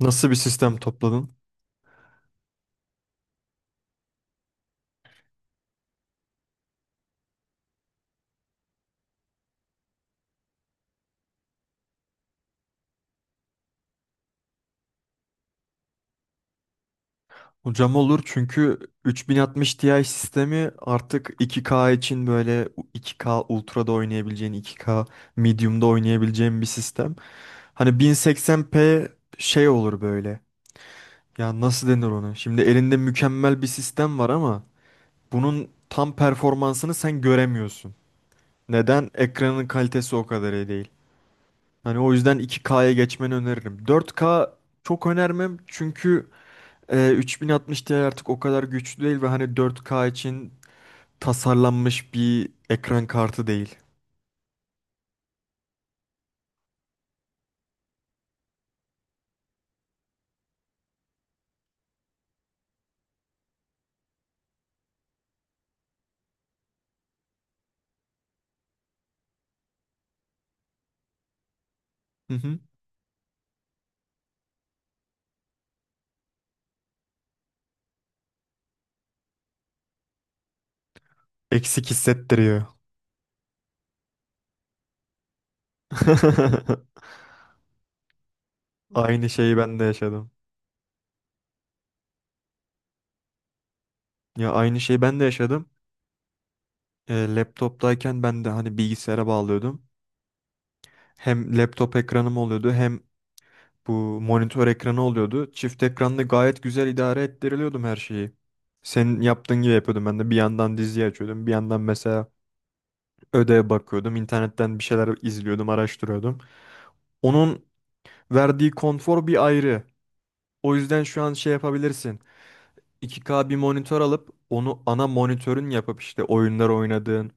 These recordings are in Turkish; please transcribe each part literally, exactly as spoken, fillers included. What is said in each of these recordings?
Nasıl bir sistem topladın? Hocam olur çünkü üç bin altmış Ti sistemi artık iki K için böyle iki K Ultra'da oynayabileceğin, iki K Medium'da oynayabileceğin bir sistem. Hani bin seksen p şey olur böyle. Ya nasıl denir onu? Şimdi elinde mükemmel bir sistem var ama bunun tam performansını sen göremiyorsun. Neden? Ekranın kalitesi o kadar iyi değil. Hani o yüzden iki K'ya geçmeni öneririm. dört K çok önermem çünkü Ee, üç bin altmış Ti artık o kadar güçlü değil ve hani dört K için tasarlanmış bir ekran kartı değil. Hı hı. Eksik hissettiriyor. Aynı şeyi ben de yaşadım. Ya aynı şeyi ben de yaşadım. Ee, laptoptayken ben de hani bilgisayara bağlıyordum. Hem laptop ekranım oluyordu hem bu monitör ekranı oluyordu. Çift ekranda gayet güzel idare ettiriliyordum her şeyi. Senin yaptığın gibi yapıyordum ben de. Bir yandan dizi açıyordum. Bir yandan mesela ödeye bakıyordum, internetten bir şeyler izliyordum, araştırıyordum. Onun verdiği konfor bir ayrı. O yüzden şu an şey yapabilirsin. iki K bir monitör alıp onu ana monitörün yapıp işte oyunlar oynadığın,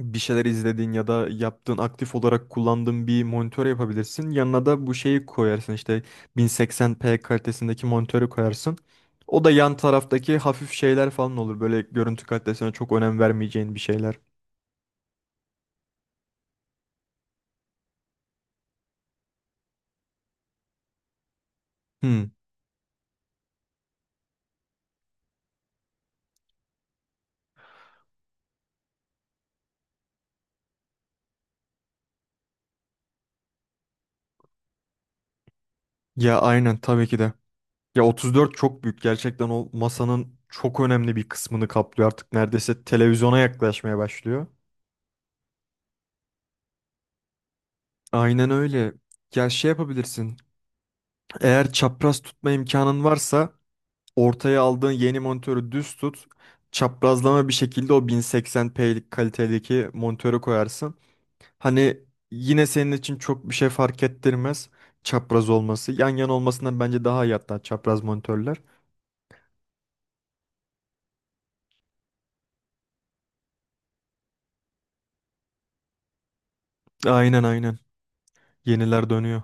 bir şeyler izlediğin ya da yaptığın aktif olarak kullandığın bir monitör yapabilirsin. Yanına da bu şeyi koyarsın işte bin seksen p kalitesindeki monitörü koyarsın. O da yan taraftaki hafif şeyler falan olur. Böyle görüntü kalitesine çok önem vermeyeceğin bir şeyler. Hmm. Ya aynen tabii ki de. Ya otuz dört çok büyük. Gerçekten o masanın çok önemli bir kısmını kaplıyor. Artık neredeyse televizyona yaklaşmaya başlıyor. Aynen öyle. Ya şey yapabilirsin. Eğer çapraz tutma imkanın varsa ortaya aldığın yeni monitörü düz tut. Çaprazlama bir şekilde o bin seksen p'lik kalitedeki monitörü koyarsın. Hani yine senin için çok bir şey fark ettirmez çapraz olması. Yan yana olmasından bence daha iyi hatta çapraz monitörler. Aynen aynen. Yeniler dönüyor.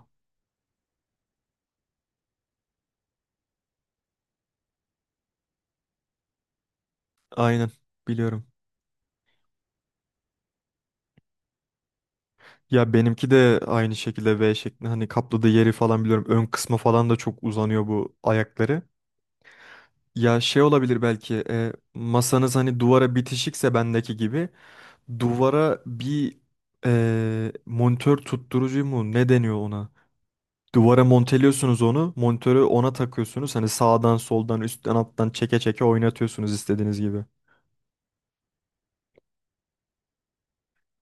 Aynen. Biliyorum. Ya benimki de aynı şekilde V şeklinde hani kapladığı yeri falan biliyorum. Ön kısma falan da çok uzanıyor bu ayakları. Ya şey olabilir belki e, masanız hani duvara bitişikse bendeki gibi duvara bir e, monitör tutturucu mu ne deniyor ona? Duvara monteliyorsunuz onu monitörü ona takıyorsunuz hani sağdan soldan üstten alttan çeke çeke oynatıyorsunuz istediğiniz gibi.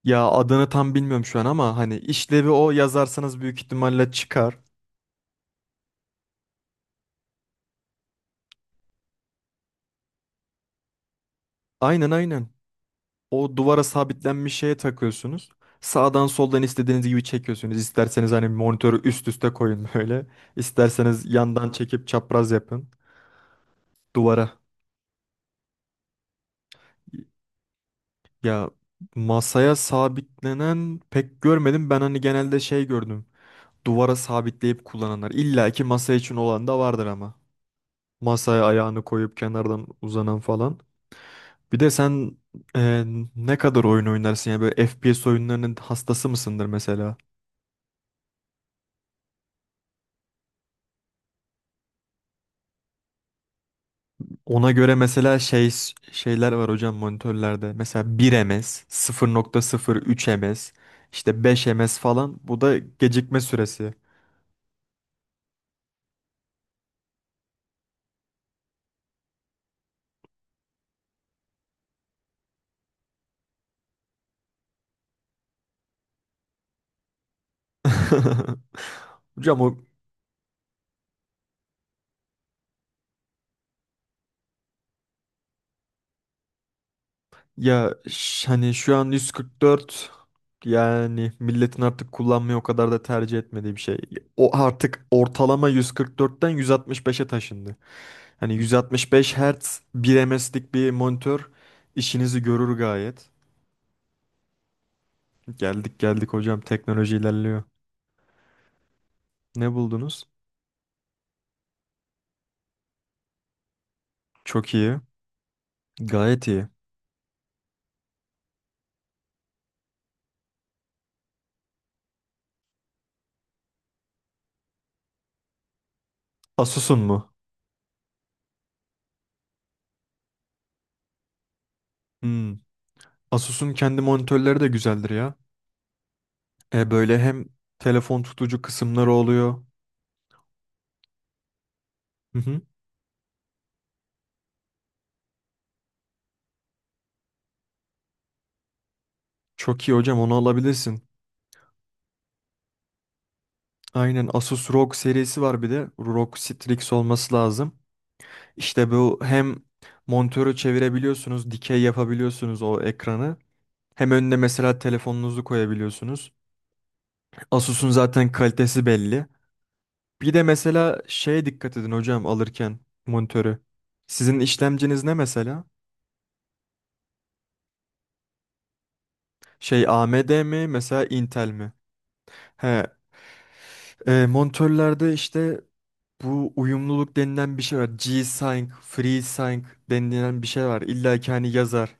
Ya adını tam bilmiyorum şu an ama hani işlevi o yazarsanız büyük ihtimalle çıkar. Aynen aynen. O duvara sabitlenmiş şeye takıyorsunuz. Sağdan soldan istediğiniz gibi çekiyorsunuz. İsterseniz hani monitörü üst üste koyun böyle. İsterseniz yandan çekip çapraz yapın. Duvara. Ya masaya sabitlenen pek görmedim. Ben hani genelde şey gördüm. Duvara sabitleyip kullananlar. İlla ki masa için olan da vardır ama. Masaya ayağını koyup kenardan uzanan falan. Bir de sen e, ne kadar oyun oynarsın ya böyle F P S oyunlarının hastası mısındır mesela? Ona göre mesela şey şeyler var hocam monitörlerde. Mesela bir ms, sıfır nokta sıfır üç ms, işte beş ms falan. Bu da gecikme süresi. Hocam, o ya, ş- hani şu an yüz kırk dört yani milletin artık kullanmayı o kadar da tercih etmediği bir şey. O artık ortalama yüz kırk dörtten yüz altmış beşe taşındı. Hani yüz altmış beş Hz bir ms'lik bir monitör işinizi görür gayet. Geldik geldik hocam, teknoloji ilerliyor. Ne buldunuz? Çok iyi. Gayet iyi. Asus'un mu? Hmm. Asus'un kendi monitörleri de güzeldir ya. E böyle hem telefon tutucu kısımları oluyor. Hı hı. Çok iyi hocam, onu alabilirsin. Aynen, Asus ROG serisi var bir de. ROG Strix olması lazım. İşte bu hem monitörü çevirebiliyorsunuz, dikey yapabiliyorsunuz o ekranı. Hem önüne mesela telefonunuzu koyabiliyorsunuz. Asus'un zaten kalitesi belli. Bir de mesela şeye dikkat edin hocam alırken monitörü. Sizin işlemciniz ne mesela? Şey A M D mi mesela Intel mi? He, e, monitörlerde işte bu uyumluluk denilen bir şey var. G-Sync, FreeSync denilen bir şey var. İlla ki hani yazar.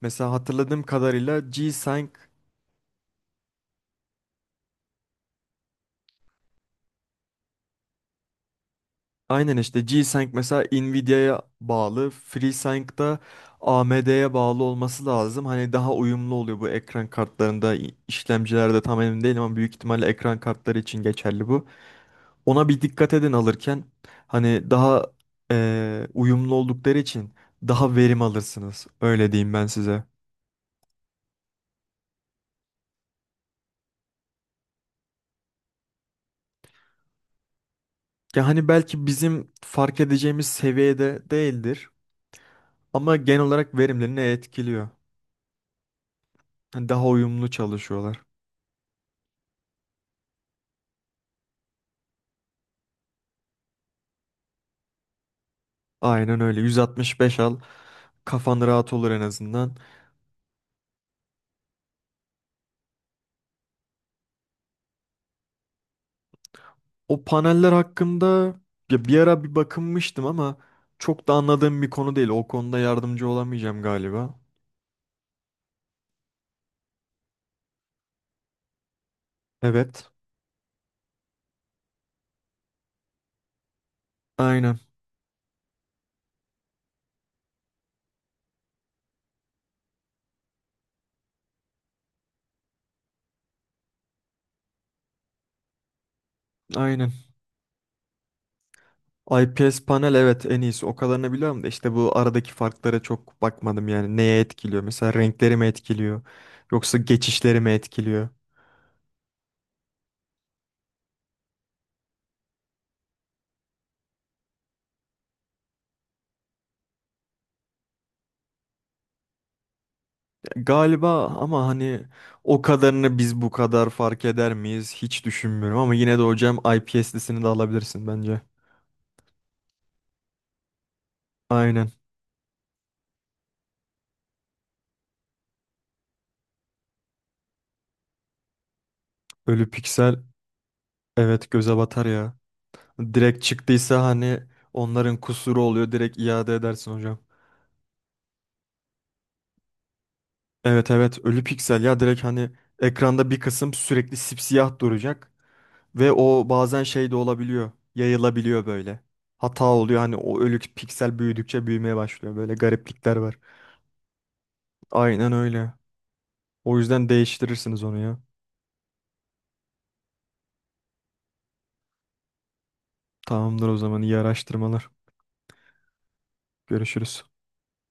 Mesela hatırladığım kadarıyla G-Sync. Aynen işte G-Sync mesela Nvidia'ya bağlı, FreeSync da A M D'ye bağlı olması lazım. Hani daha uyumlu oluyor bu ekran kartlarında, i- işlemcilerde tam emin değilim ama büyük ihtimalle ekran kartları için geçerli bu. Ona bir dikkat edin alırken hani daha eee, uyumlu oldukları için daha verim alırsınız. Öyle diyeyim ben size. Ya hani belki bizim fark edeceğimiz seviyede değildir ama genel olarak verimlerini etkiliyor. Hani daha uyumlu çalışıyorlar. Aynen öyle. yüz altmış beş al. Kafan rahat olur en azından. O paneller hakkında ya bir ara bir bakınmıştım ama çok da anladığım bir konu değil. O konuda yardımcı olamayacağım galiba. Evet. Aynen. Aynen. I P S panel evet en iyisi. O kadarını biliyorum da işte bu aradaki farklara çok bakmadım yani. Neye etkiliyor? Mesela renkleri mi etkiliyor? Yoksa geçişleri mi etkiliyor? Galiba ama hani o kadarını biz bu kadar fark eder miyiz hiç düşünmüyorum ama yine de hocam I P S'lisini de alabilirsin bence. Aynen. Ölü piksel evet göze batar ya. Direkt çıktıysa hani onların kusuru oluyor, direkt iade edersin hocam. Evet evet, ölü piksel ya direkt hani ekranda bir kısım sürekli sipsiyah duracak ve o bazen şey de olabiliyor, yayılabiliyor böyle. Hata oluyor hani, o ölü piksel büyüdükçe büyümeye başlıyor, böyle gariplikler var. Aynen öyle. O yüzden değiştirirsiniz onu ya. Tamamdır, o zaman iyi araştırmalar. Görüşürüz.